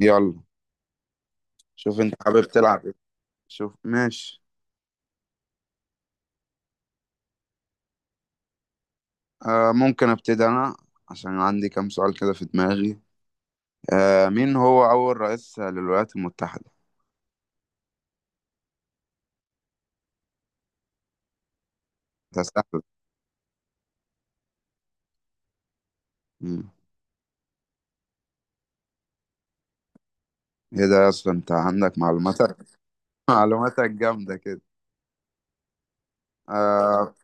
يلا. شوف انت حابب تلعب ايه؟ شوف، ماشي. ممكن ابتدي انا، عشان عندي كام سؤال كده في دماغي. مين هو اول رئيس للولايات المتحدة؟ ده سهل. مم. ايه ده، اصلا انت عندك معلوماتك. معلوماتك جامدة كده. آه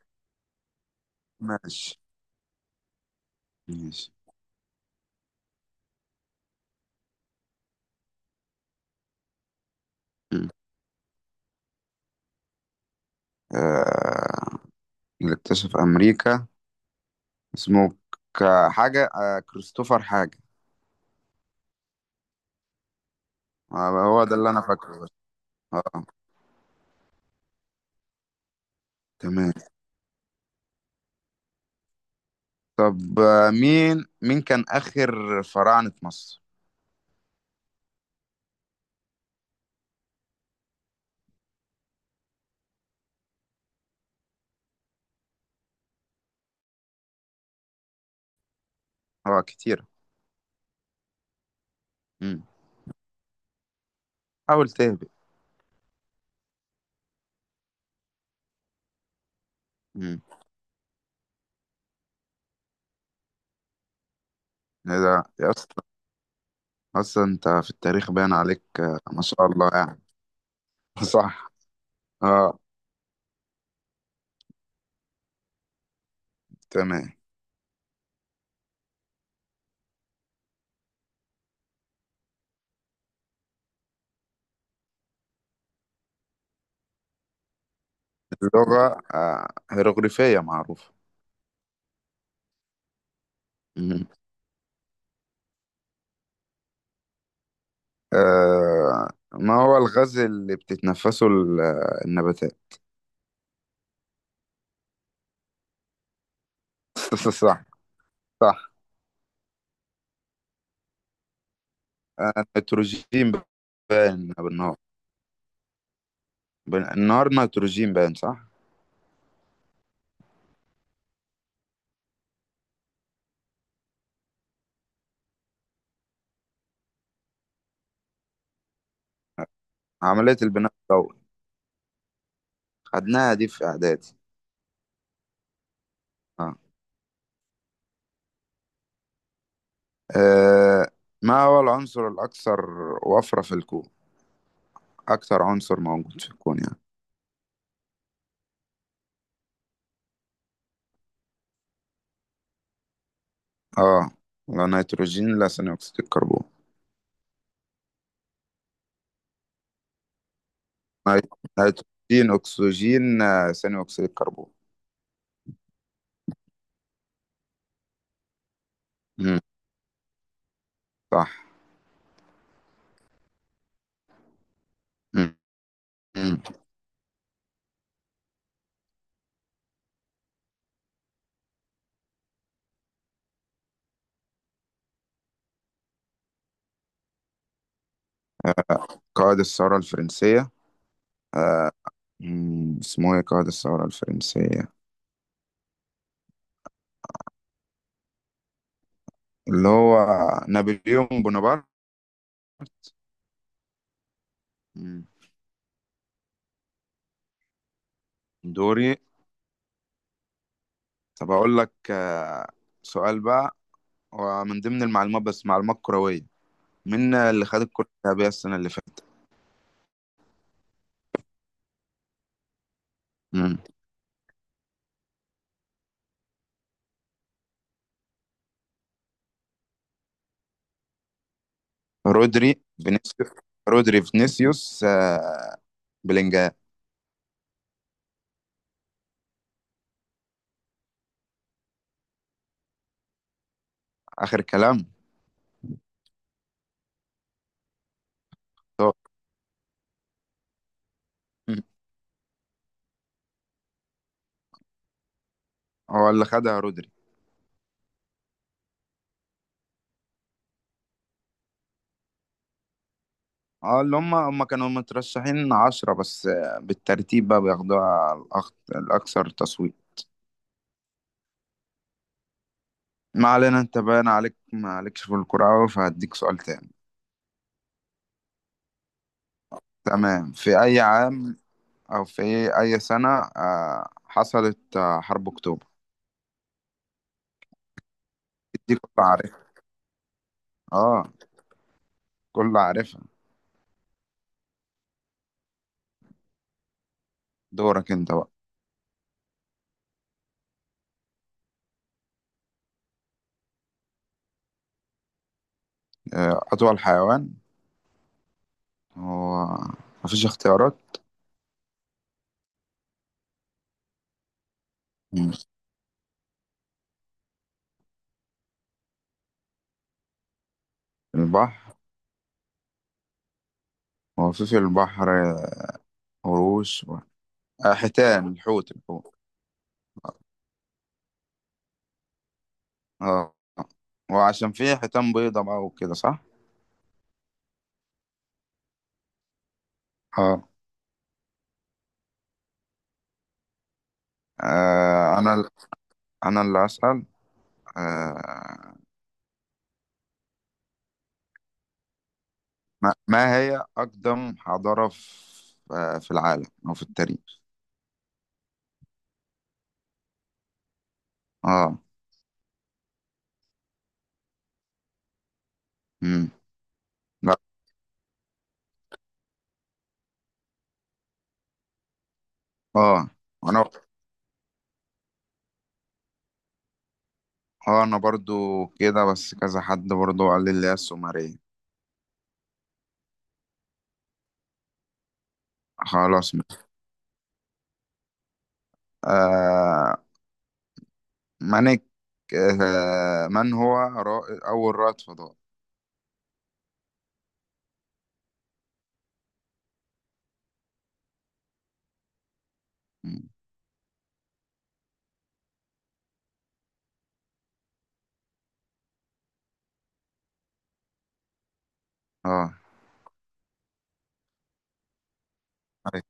ماشي ماشي. مم. آه اللي اكتشف امريكا اسمه حاجة، كريستوفر حاجة. آه، هو ده اللي انا فاكره بس. اه تمام. طب، مين كان آخر فراعنة مصر؟ هو كتير. مم. حاول تهبط. مم. ايه ده يا اسطى؟ اصلا انت في التاريخ باين عليك، ما شاء الله يعني. صح. اه تمام. اللغة هيروغليفية معروفة. مم. آه ما هو الغاز اللي بتتنفسه النباتات؟ صح. صح. آه، نيتروجين باين بالنهار. النهار نيتروجين، باين صح. عملية البناء الضوئي، خدناها دي في إعدادي. آه. آه، ما هو العنصر الأكثر وفرة في الكون؟ أكثر عنصر موجود في الكون يعني. آه. لا نيتروجين، لا ثاني أكسيد الكربون. نيت- نيتروجين، أكسجين، ثاني أكسيد الكربون. مم. صح. مم. مم. قائد الثورة الفرنسية. آه. مم. اسمه إيه قائد الثورة الفرنسية؟ اللي هو نابليون بونابرت. مم. دوري. طب أقول لك سؤال بقى، ومن ضمن المعلومات بس معلومات كروية، مين اللي خد الكرة الذهبية السنة اللي فاتت؟ مم. رودري، فينيسيوس. رودري فينيسيوس، بلينجهام. آخر كلام. طب. مم. هو اللي خدها رودري. اه، اللي هم كانوا مترشحين 10 بس، بالترتيب بقى بياخدوها الأكثر تصويت. ما علينا، انت باين عليك ما عليكش في الكرة أوي، فهديك سؤال تاني. تمام، في أي عام، أو في أي سنة، حصلت حرب أكتوبر؟ دي كلها عارفها. اه كلها عارفها. دورك انت بقى. آه، أطول حيوان. هو مفيش اختيارات. مم. البحر. هو في البحر قروش و آه، حيتان، الحوت. اه، وعشان فيه حيتان بيضة بقى وكده صح؟ اه. آه، أنا ال- أنا اللي أسأل. آه، ما هي أقدم حضارة في، في العالم أو في التاريخ؟ اه. امم. لا. اه أنا. اه أنا برضو كده، بس كذا حد برضو قال لي اللي هي السومرية. خلاص. آه، مانك. من هو أول رائد فضاء؟ مم. اه. أي.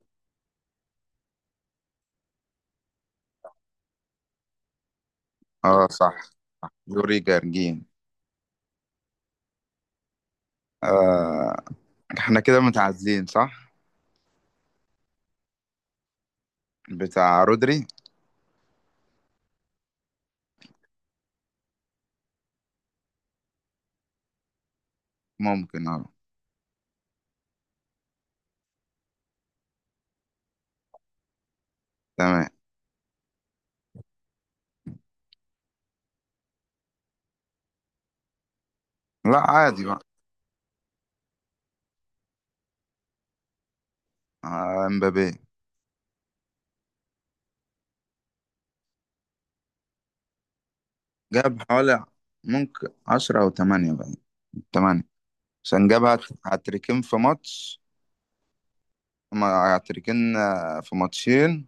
اه صح، يوري جارجين. آه. احنا كده متعادلين صح؟ بتاع رودري. ممكن اه. تمام. لا عادي بقى. آه، امبابي. جاب حوالي، ممكن 10 أو 8 بقى. تمانية. عشان جاب هاتريكين في ماتش. ما هاتريكين، في ماتشين.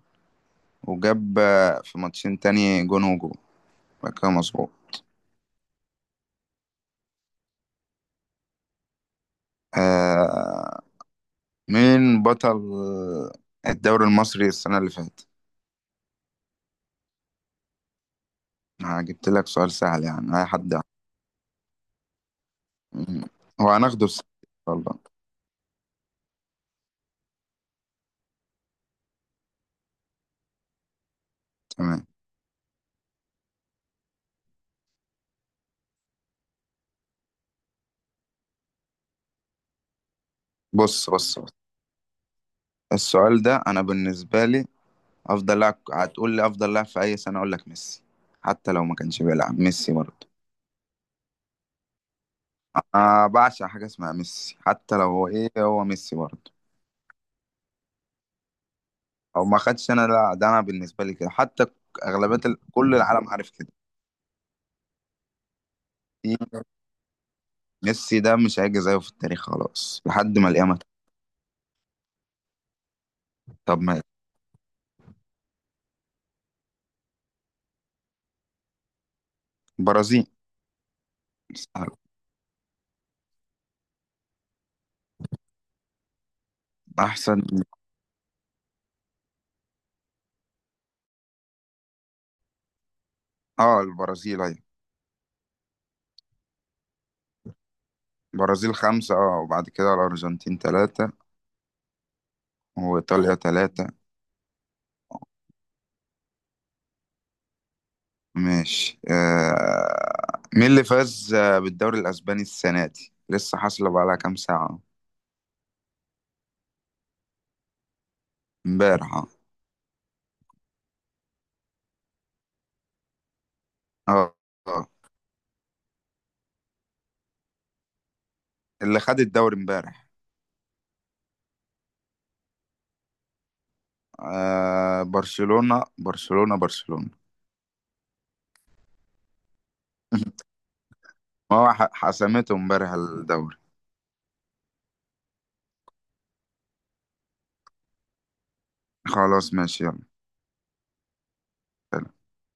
وجاب في ماتشين تاني جون وجون. بقى كده مظبوط. آه مين بطل الدوري المصري السنة اللي فاتت؟ آه، جبت لك سؤال سهل يعني أي حد يعني. مم. هو هناخده السنة دي إن شاء الله. تمام. بص بص بص، السؤال ده أنا بالنسبة لي، أفضل لاعب، هتقول لي أفضل لاعب في أي سنة أقول لك ميسي. حتى لو ما كانش بيلعب ميسي برضه. أنا بعشق حاجة اسمها ميسي، حتى لو هو إيه، هو ميسي برضه. أو ما خدش، أنا لا، ده أنا بالنسبة لي كده حتى. أغلبية كل العالم عارف كده. ميسي ده مش هيجي زيه في التاريخ، خلاص لحد ما القيامة. طب ما. البرازيل. أحسن. اه البرازيل أيوة. البرازيل خمسة، اه، وبعد كده الأرجنتين تلاتة، وإيطاليا تلاتة. ماشي. آه. مين اللي فاز، بالدوري الأسباني السنة دي؟ لسه حاصلة بقالها كام ساعة. امبارح اه. اه. آه. اللي خد الدوري امبارح. آه. برشلونة، برشلونة، برشلونة. ما هو حسمته امبارح الدوري. خلاص ماشي يلا.